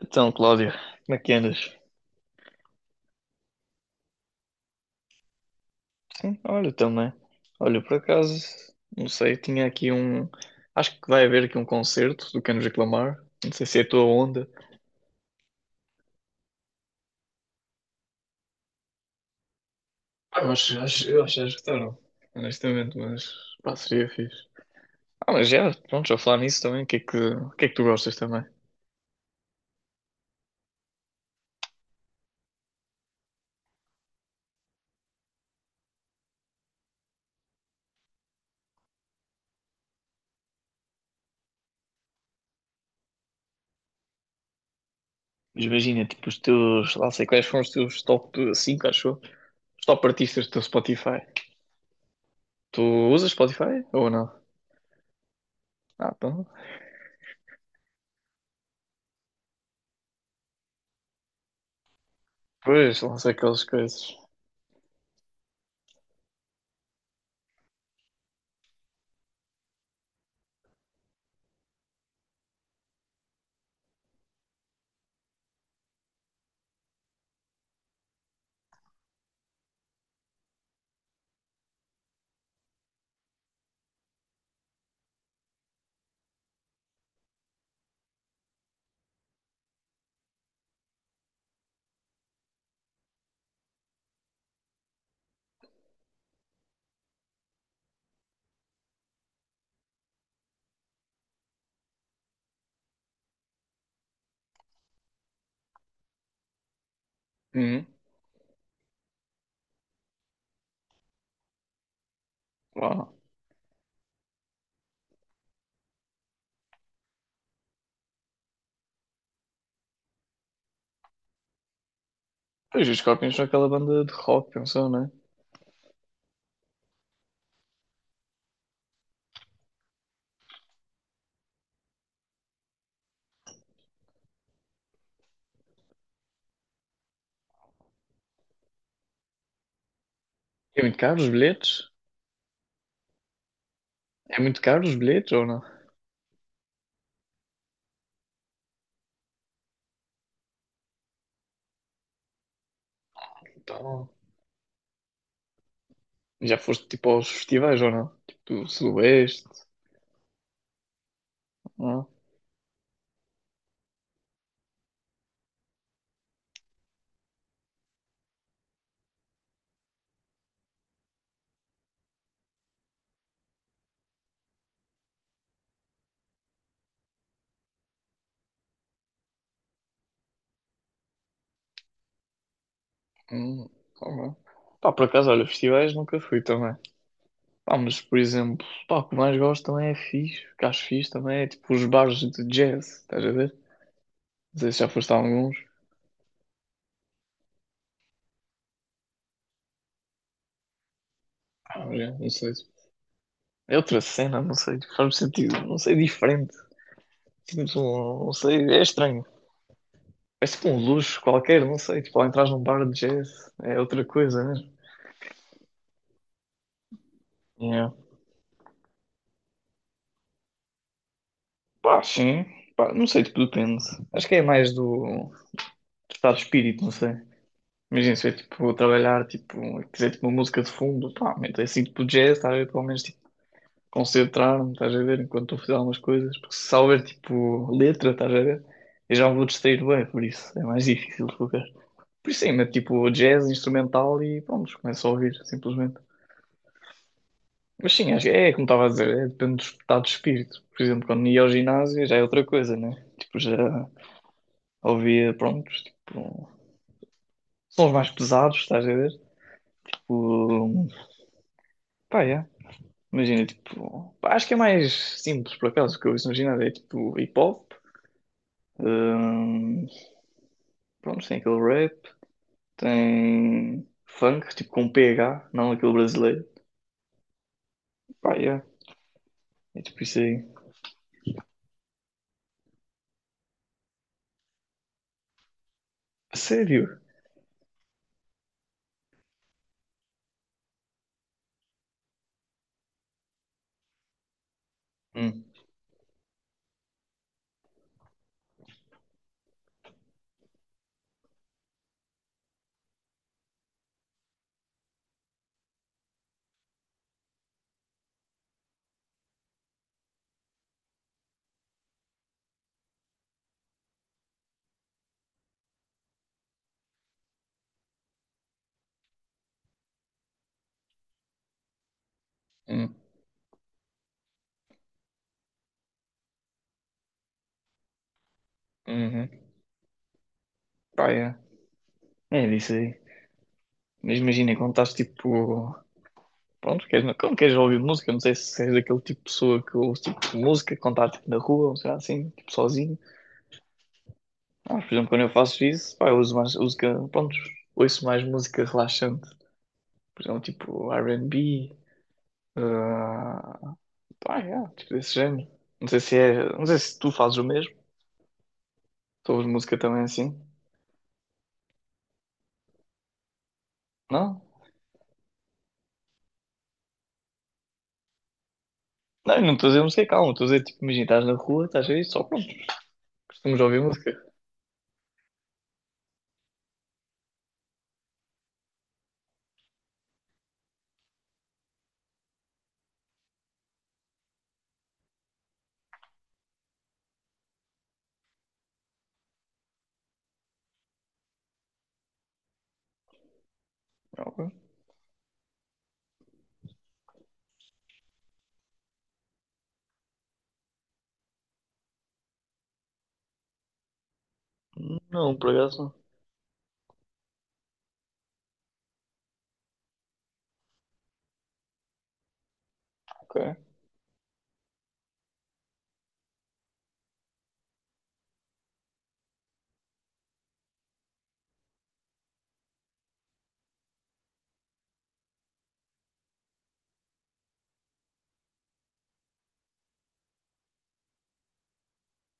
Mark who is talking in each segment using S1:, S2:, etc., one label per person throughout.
S1: Então, Cláudio, como é que andas? Sim, olha, também. Olha, por acaso, não sei, tinha aqui um. Acho que vai haver aqui um concerto do Kendrick Lamar. Não sei se é a tua onda. Eu acho que já escutaram, honestamente, mas pá, seria fixe. Ah, mas já, pronto, já falar nisso também. O que é que tu gostas também? Mas imagina, tipo, os teus. Lá sei quais foram os teus top 5, acho eu. Os top artistas do teu Spotify. Tu usas Spotify ou não? Ah, então. Pois, lá sei aquelas coisas. Uhum. Pois os Scorpions são aquela banda de rock, pensou, não é? É muito caro os bilhetes? É muito caro os bilhetes ou não? Então, já foste tipo aos festivais ou não? Tipo Sudoeste, não? Hum, ou não? Pá, por acaso, olha, festivais nunca fui também. Pá, mas por exemplo, pá, o que mais gosto também é fixe, o que acho fixe também é tipo os bares de jazz, estás a ver? Não sei se já foste a alguns. Ah, já, não sei. É outra cena, não sei, faz-me sentido, não sei, diferente. Sinto, não sei, é estranho. É tipo um luxo qualquer, não sei. Tipo, ao entrar num bar de jazz é outra coisa, né? Yeah. Pá, sim. Pá, não sei, tipo, depende. Acho que é mais do estado de espírito, não sei. Imagina se eu, tipo, trabalhar, tipo, quiser, tipo, uma música de fundo, pá, meto assim, tipo, jazz, estar a ver, pelo menos, tipo, concentrar-me, estás a ver, enquanto estou a fazer algumas coisas. Porque se só houver, tipo, letra, estás a ver, eu já me vou distrair bem, por isso é mais difícil de focar. Por isso, sim, meto, tipo, jazz, instrumental e, pronto, começo a ouvir, simplesmente. Mas sim, acho que é como estava a dizer, é, depende do estado de espírito. Por exemplo, quando ia ao ginásio já é outra coisa, né? Tipo, já ouvia, pronto, tipo, sons mais pesados, estás a ver? Tipo, pá, é. Imagina, tipo, pá, acho que é mais simples, por acaso, o que eu ouço no ginásio é tipo hip hop, hum, pronto, tem aquele rap, tem funk, tipo com PH, não aquele brasileiro, pá, é. É tipo isso aí. A sério? Hum, hum, uhum, pá, é. É disso aí. Mas imagina, quando estás tipo. Pronto, queres, quando queres ouvir música, não sei se és daquele tipo de pessoa que ouve tipo de música, quando está tipo, na rua, ou sei lá, assim, tipo sozinho. Ah, por exemplo, quando eu faço isso, pá, eu uso mais música. Pronto, ouço mais música relaxante. Por exemplo, tipo R&B. ah Pá, yeah, tipo desse género. Não sei se é. Não sei se tu fazes o mesmo. Tu ouves música também assim. Não? Não, eu não estou a dizer música, calma. Estou a dizer, tipo, imagina, estás na rua, estás aí, só pronto. Costumas ouvir música. Ah, ok. Não, por acaso não. Ok.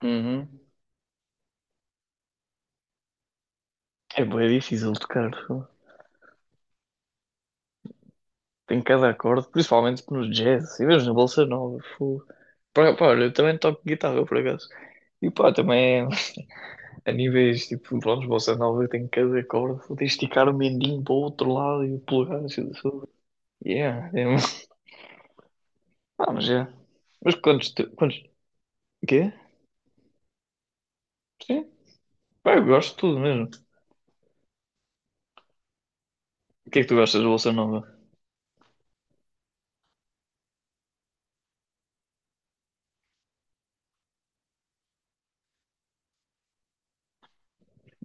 S1: Uhum. É bem difícil tocar. Fogo. Tem cada acorde, principalmente no jazz. E mesmo na Bolsa Nova. Fogo. Pá, olha, eu também toco guitarra, por acaso. E pá, também a níveis, tipo, pronto, Bolsa Nova tem cada acorde. Vou ter que esticar o mendinho para o outro lado e o polegar. Assim, assim. Yeah, é um- Ah, mas é. Mas quantos... quantos... O quê? Sim? Pá, eu gosto de tudo mesmo. O que é que tu gostas de Bolsa Nova?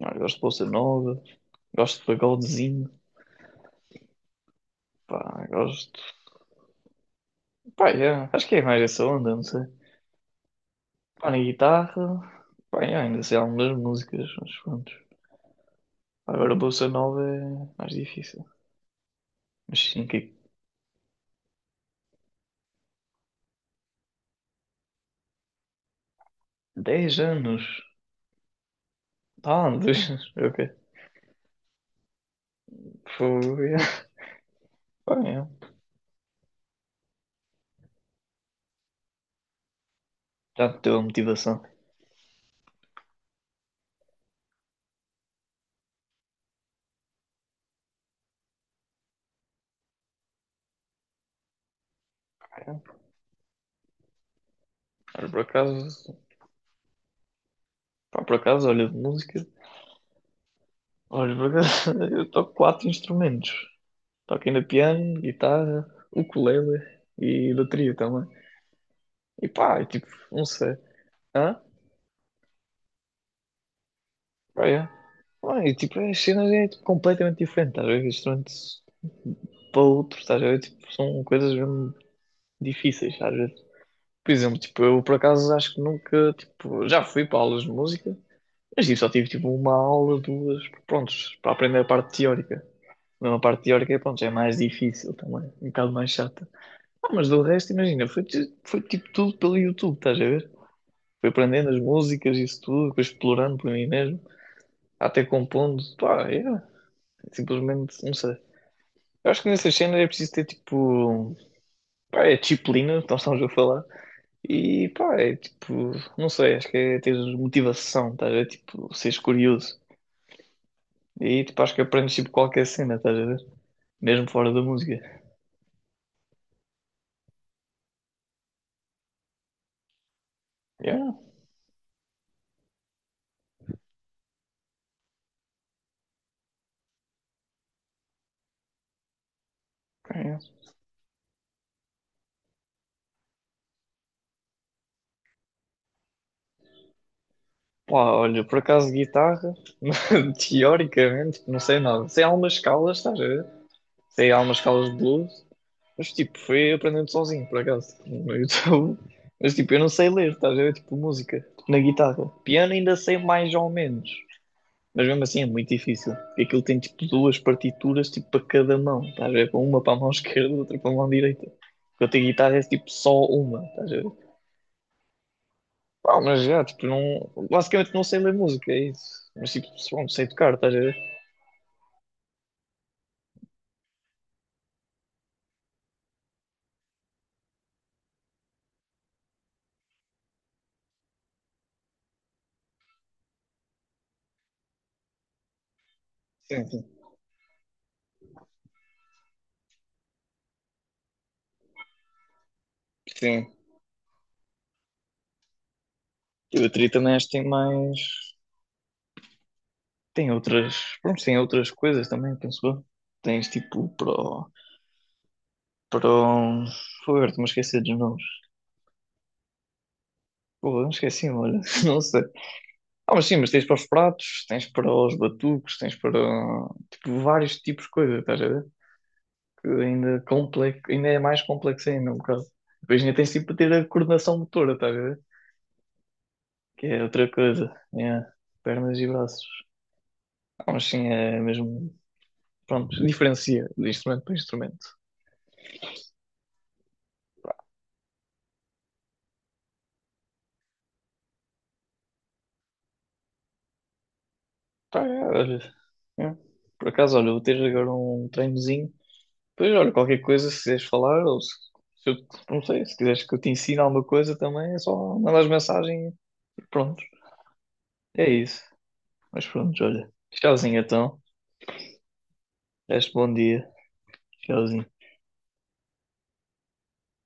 S1: Ah, eu gosto de Bolsa Nova. Gosto de pagodezinho. Pá, gosto... Pá, yeah. Acho que é mais essa onda, não sei. Pá, na guitarra, bem ainda sei algumas músicas, mas pronto. Agora a bolsa nova é mais difícil. Mas 5 10 anos. Ah, 2 anos. Ok. Foi. Yeah. Pá, yeah. Já me deu a motivação. Yeah. Mas por acaso, pá, por acaso, olha, de música. Olha, por acaso, eu toco 4 instrumentos. Toco ainda piano, guitarra, ukulele e bateria também. E pá, é tipo, não sei. Hã? Ah, é. Ah, e tipo, as cenas é tipo, completamente diferente, às vezes ver? Isto não é para outro, estás a ver? Tipo, são coisas mesmo difíceis, às vezes. Por exemplo, tipo, eu por acaso acho que nunca, tipo, já fui para aulas de música, mas tipo, só tive tipo uma aula, duas, prontos, para aprender a parte teórica. Não, a parte teórica, pronto, já é mais difícil também, um bocado mais chata. Ah, mas do resto, imagina, foi, foi tipo tudo pelo YouTube, estás a ver? Fui aprendendo as músicas, isso tudo, depois explorando por mim mesmo, até compondo, pá, é. Simplesmente, não sei. Eu acho que nessas cenas é preciso ter tipo. Pá, é disciplina, nós estamos a falar. E pá, é tipo. Não sei, acho que é ter motivação, estás a ver? Tipo, seres curioso. E tipo, acho que aprendes tipo qualquer cena, estás a ver? Mesmo fora da música. Yeah, yeah. Pá, olha, por acaso guitarra, teoricamente, não sei nada. Sei algumas escalas, estás a ver? Sei algumas escalas de blues. Mas tipo, foi aprendendo sozinho, por acaso, tipo, no YouTube. Mas tipo, eu não sei ler, estás a ver? Tipo, música, tipo, na guitarra. Piano ainda sei mais ou menos. Mas mesmo assim é muito difícil. Porque aquilo tem tipo duas partituras tipo para cada mão, estás a ver? Com uma para a mão esquerda, outra para a mão direita. Eu tenho guitarra é tipo só uma, estás a ver? Pá, mas já, tipo, não. Basicamente não sei ler música, é isso. Mas tipo, pronto, sei tocar, estás a ver? Sim, sim. Sim. E a bateria também acho que tem mais. Tem outras, pronto, tem outras coisas também, penso eu. Tens tipo pro, foi, agora estou-me a dos nomes. Porra, não esqueci, olha, não sei. Ah, mas sim, mas tens para os pratos, tens para os batucos, tens para tipo vários tipos de coisa, estás a ver? Que ainda complexo, ainda é mais complexo ainda, um bocado. Depois ainda tens tipo para ter a coordenação motora, estás a ver? Que é outra coisa, é pernas e braços. Ah, mas sim, é mesmo, pronto, diferencia de instrumento para instrumento. Pá, é, olha, é. Por acaso, olha, vou ter agora um treinozinho. Pois, olha, qualquer coisa, se quiseres falar, ou se eu, não sei, se quiseres que eu te ensine alguma coisa também, é só mandares mensagem e pronto. É isso. Mas pronto, olha. Tchauzinho então. Este bom dia. Tchauzinho.